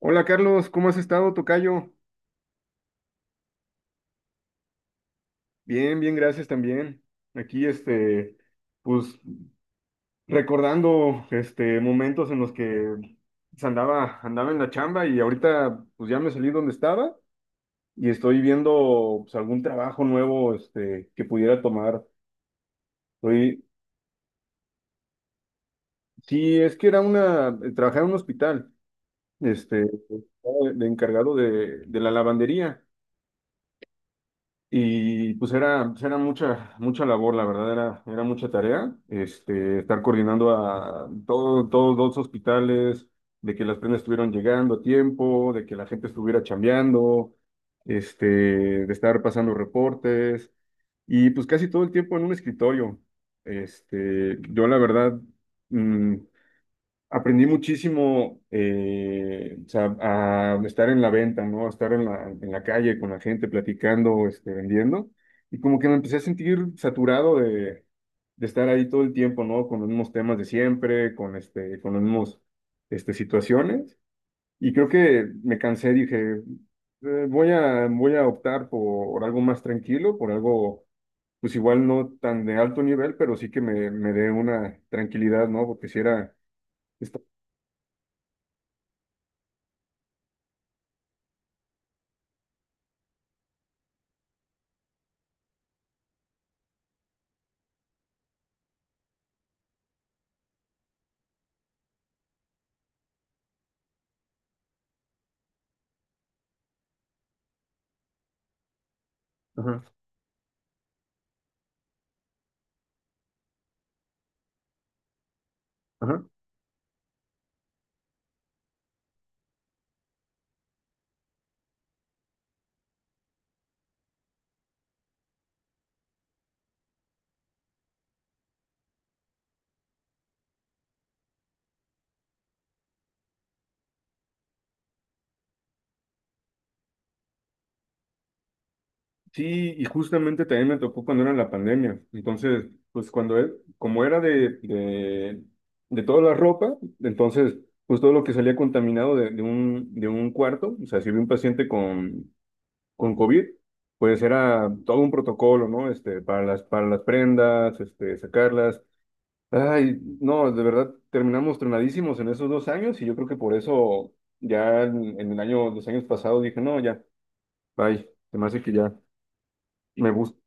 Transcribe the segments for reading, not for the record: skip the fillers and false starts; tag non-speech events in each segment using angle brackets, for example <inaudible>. Hola Carlos, ¿cómo has estado, tocayo? Bien, bien, gracias también. Aquí, pues recordando, momentos en los que andaba en la chamba y ahorita, pues ya me salí donde estaba y estoy viendo, pues, algún trabajo nuevo, que pudiera tomar. Estoy, sí, es que trabajaba en un hospital. Estaba de encargado de la lavandería. Y pues, era mucha, mucha labor, la verdad, era mucha tarea, estar coordinando a todos los hospitales, de que las prendas estuvieran llegando a tiempo, de que la gente estuviera chambeando, de estar pasando reportes, y pues casi todo el tiempo en un escritorio. Yo la verdad, mm, aprendí muchísimo, o sea, a estar en la venta, ¿no? A estar en la calle con la gente platicando, vendiendo. Y como que me empecé a sentir saturado de estar ahí todo el tiempo, ¿no? Con los mismos temas de siempre, con las mismas situaciones. Y creo que me cansé, dije, voy a optar por algo más tranquilo, por algo, pues igual no tan de alto nivel, pero sí que me dé una tranquilidad, ¿no? Porque si era. esta- Ajá. Ajá. Sí, y justamente también me tocó cuando era la pandemia. Entonces, pues como era de toda la ropa, entonces, pues todo lo que salía contaminado de un cuarto, o sea, si había un paciente con, COVID, pues era todo un protocolo, ¿no? Para las prendas, sacarlas. Ay, no, de verdad, terminamos tronadísimos en esos 2 años y yo creo que por eso ya los años pasados dije, no, ya, bye, se me hace que ya me gusta.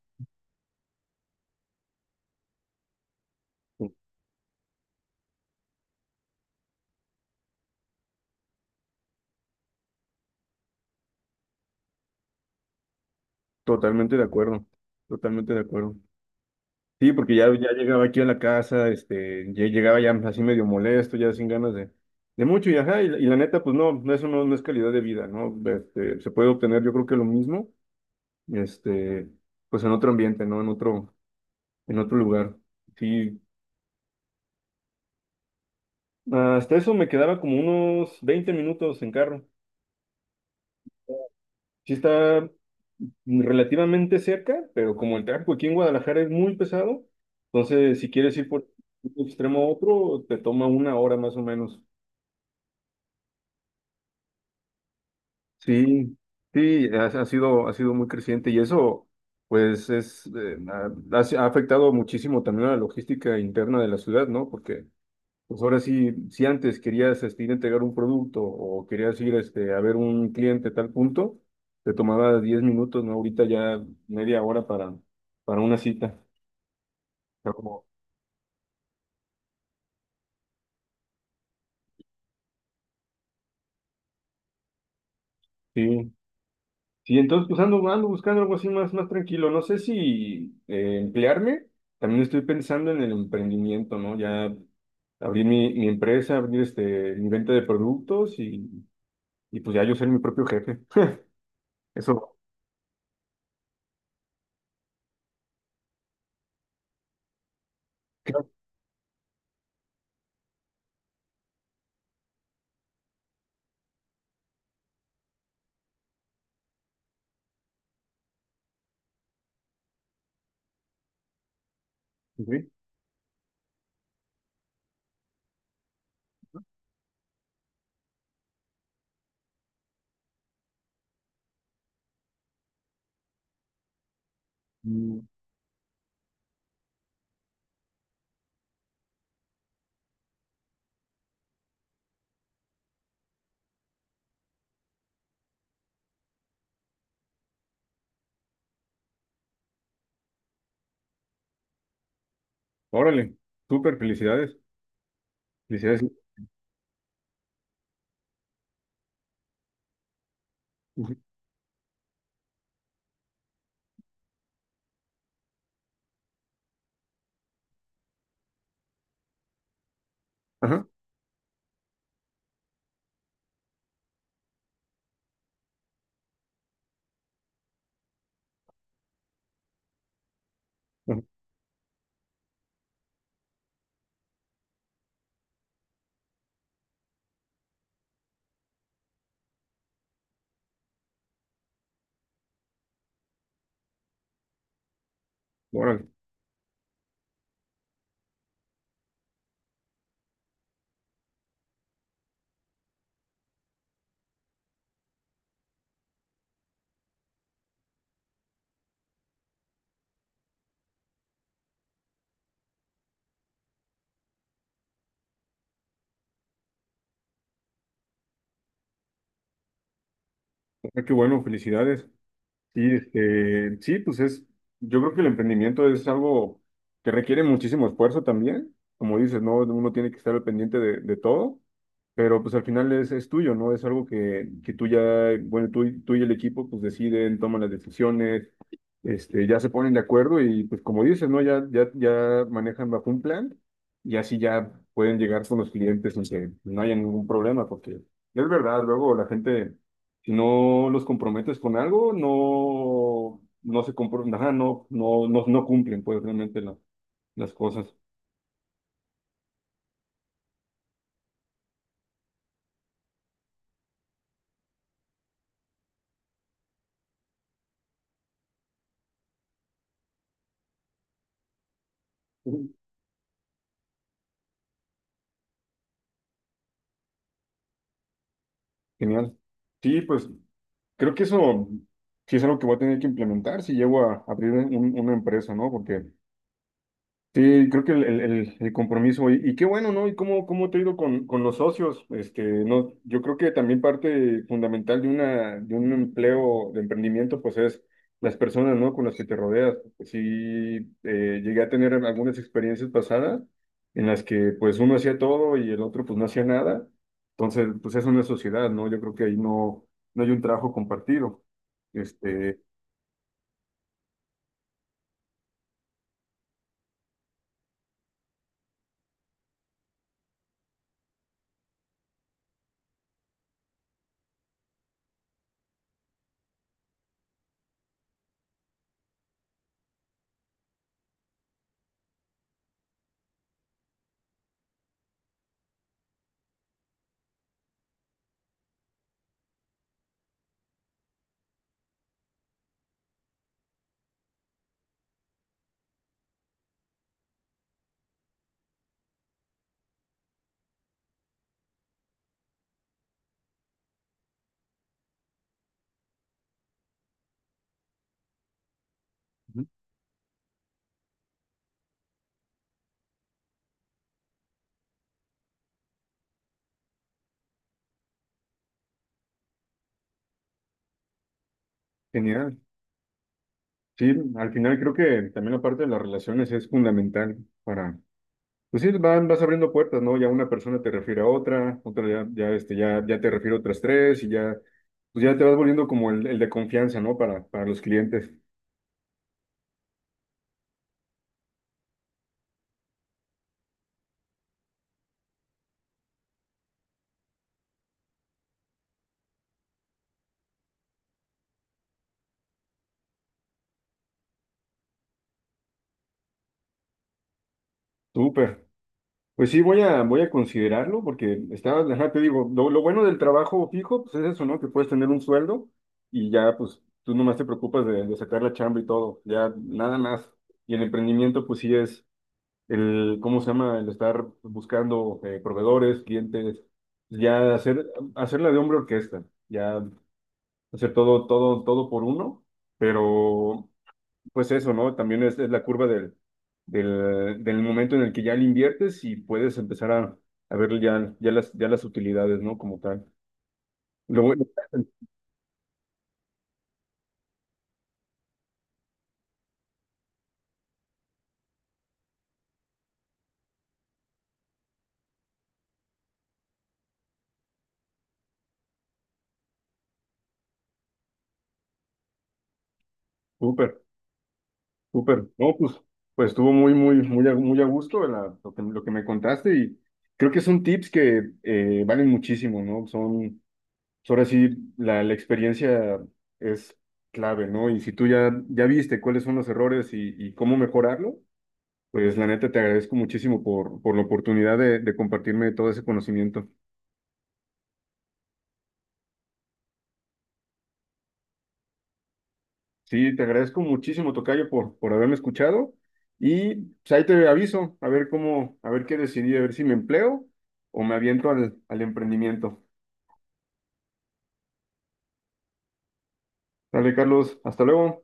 Totalmente de acuerdo, totalmente de acuerdo. Sí, porque ya llegaba aquí a la casa, ya llegaba ya así medio molesto, ya sin ganas de mucho, y ajá, y la neta, pues no, no, eso no, no es calidad de vida, ¿no? Se puede obtener, yo creo que lo mismo, este, pues en otro ambiente, ¿no? En otro lugar. Sí, hasta eso me quedaba como unos 20 minutos en carro. Sí está relativamente cerca, pero como el tráfico aquí en Guadalajara es muy pesado, entonces si quieres ir por un extremo a otro, te toma una hora más o menos. Sí, sí, ha sido muy creciente y eso, pues, es, ha afectado muchísimo también a la logística interna de la ciudad, ¿no? Porque pues ahora sí, si antes querías ir a entregar un producto o querías ir a ver un cliente tal punto, te tomaba 10 minutos, ¿no? Ahorita ya media hora para una cita. Está como, sí. Sí, entonces pues ando buscando algo así más tranquilo. No sé si emplearme, también estoy pensando en el emprendimiento, ¿no? Ya abrir mi empresa, abrir mi venta de productos y pues ya yo ser mi propio jefe. Eso, claro. Sí. Mm. Órale, súper felicidades. Felicidades. Ujú. Ajá. Ajá. Órale. Ah, qué bueno, felicidades. Sí, sí, pues es, yo creo que el emprendimiento es algo que requiere muchísimo esfuerzo también, como dices, ¿no? Uno tiene que estar al pendiente de todo, pero pues al final es tuyo, ¿no? Es algo que tú ya, bueno, tú, tú y el equipo pues deciden, toman las decisiones, ya se ponen de acuerdo y pues como dices, ¿no? Ya manejan bajo un plan y así ya pueden llegar con los clientes sin que no haya ningún problema, porque es verdad, luego la gente si no los comprometes con algo, ajá, no, no, no, no cumplen pues realmente las cosas. Ujú. Genial. Sí, pues creo que eso sí es algo que voy a tener que implementar si llego a abrir una empresa, ¿no? Porque sí, creo que el, el compromiso, y qué bueno, ¿no? ¿Y cómo te ha ido con, los socios? Este, no, yo creo que también parte fundamental de una, de un empleo, de emprendimiento, pues es las personas, ¿no? Con las que te rodeas. Sí, llegué a tener algunas experiencias pasadas en las que pues uno hacía todo y el otro pues no hacía nada. Entonces, pues es una sociedad, ¿no? Yo creo que ahí no, no hay un trabajo compartido. Este, Ujú. Genial. Sí, al final creo que también la parte de las relaciones es fundamental para, pues sí, van, vas abriendo puertas, ¿no? Ya una persona te refiere a otra, otra ya te refiere a otras tres y ya, pues ya te vas volviendo como el de confianza, ¿no? Para los clientes. Súper. Pues sí, voy a considerarlo porque estaba, ajá, te digo, lo bueno del trabajo fijo, pues es eso, ¿no? Que puedes tener un sueldo y ya, pues tú nomás te preocupas de sacar la chamba y todo, ya nada más. Y el emprendimiento, pues sí es. El, ¿cómo se llama? El estar buscando proveedores, clientes, ya hacer, hacerla de hombre orquesta, ya hacer todo, todo, todo por uno, pero pues eso, ¿no? También es la curva del, del, del momento en el que ya le inviertes y puedes empezar a ver ya, ya las utilidades, ¿no? Como tal. Lo bueno, <laughs> súper. Súper, no, pues, pues estuvo muy, muy, muy, muy a gusto lo que me contaste y creo que son tips que valen muchísimo, ¿no? Son, pues, ahora sí, la experiencia es clave, ¿no? Y si tú ya viste cuáles son los errores y cómo mejorarlo, pues la neta te agradezco muchísimo por la oportunidad de compartirme todo ese conocimiento. Sí, te agradezco muchísimo, tocayo, por haberme escuchado. Y pues, ahí te aviso, a ver cómo, a ver qué decidí, a ver si me empleo o me aviento al, al emprendimiento. Dale, Carlos, hasta luego.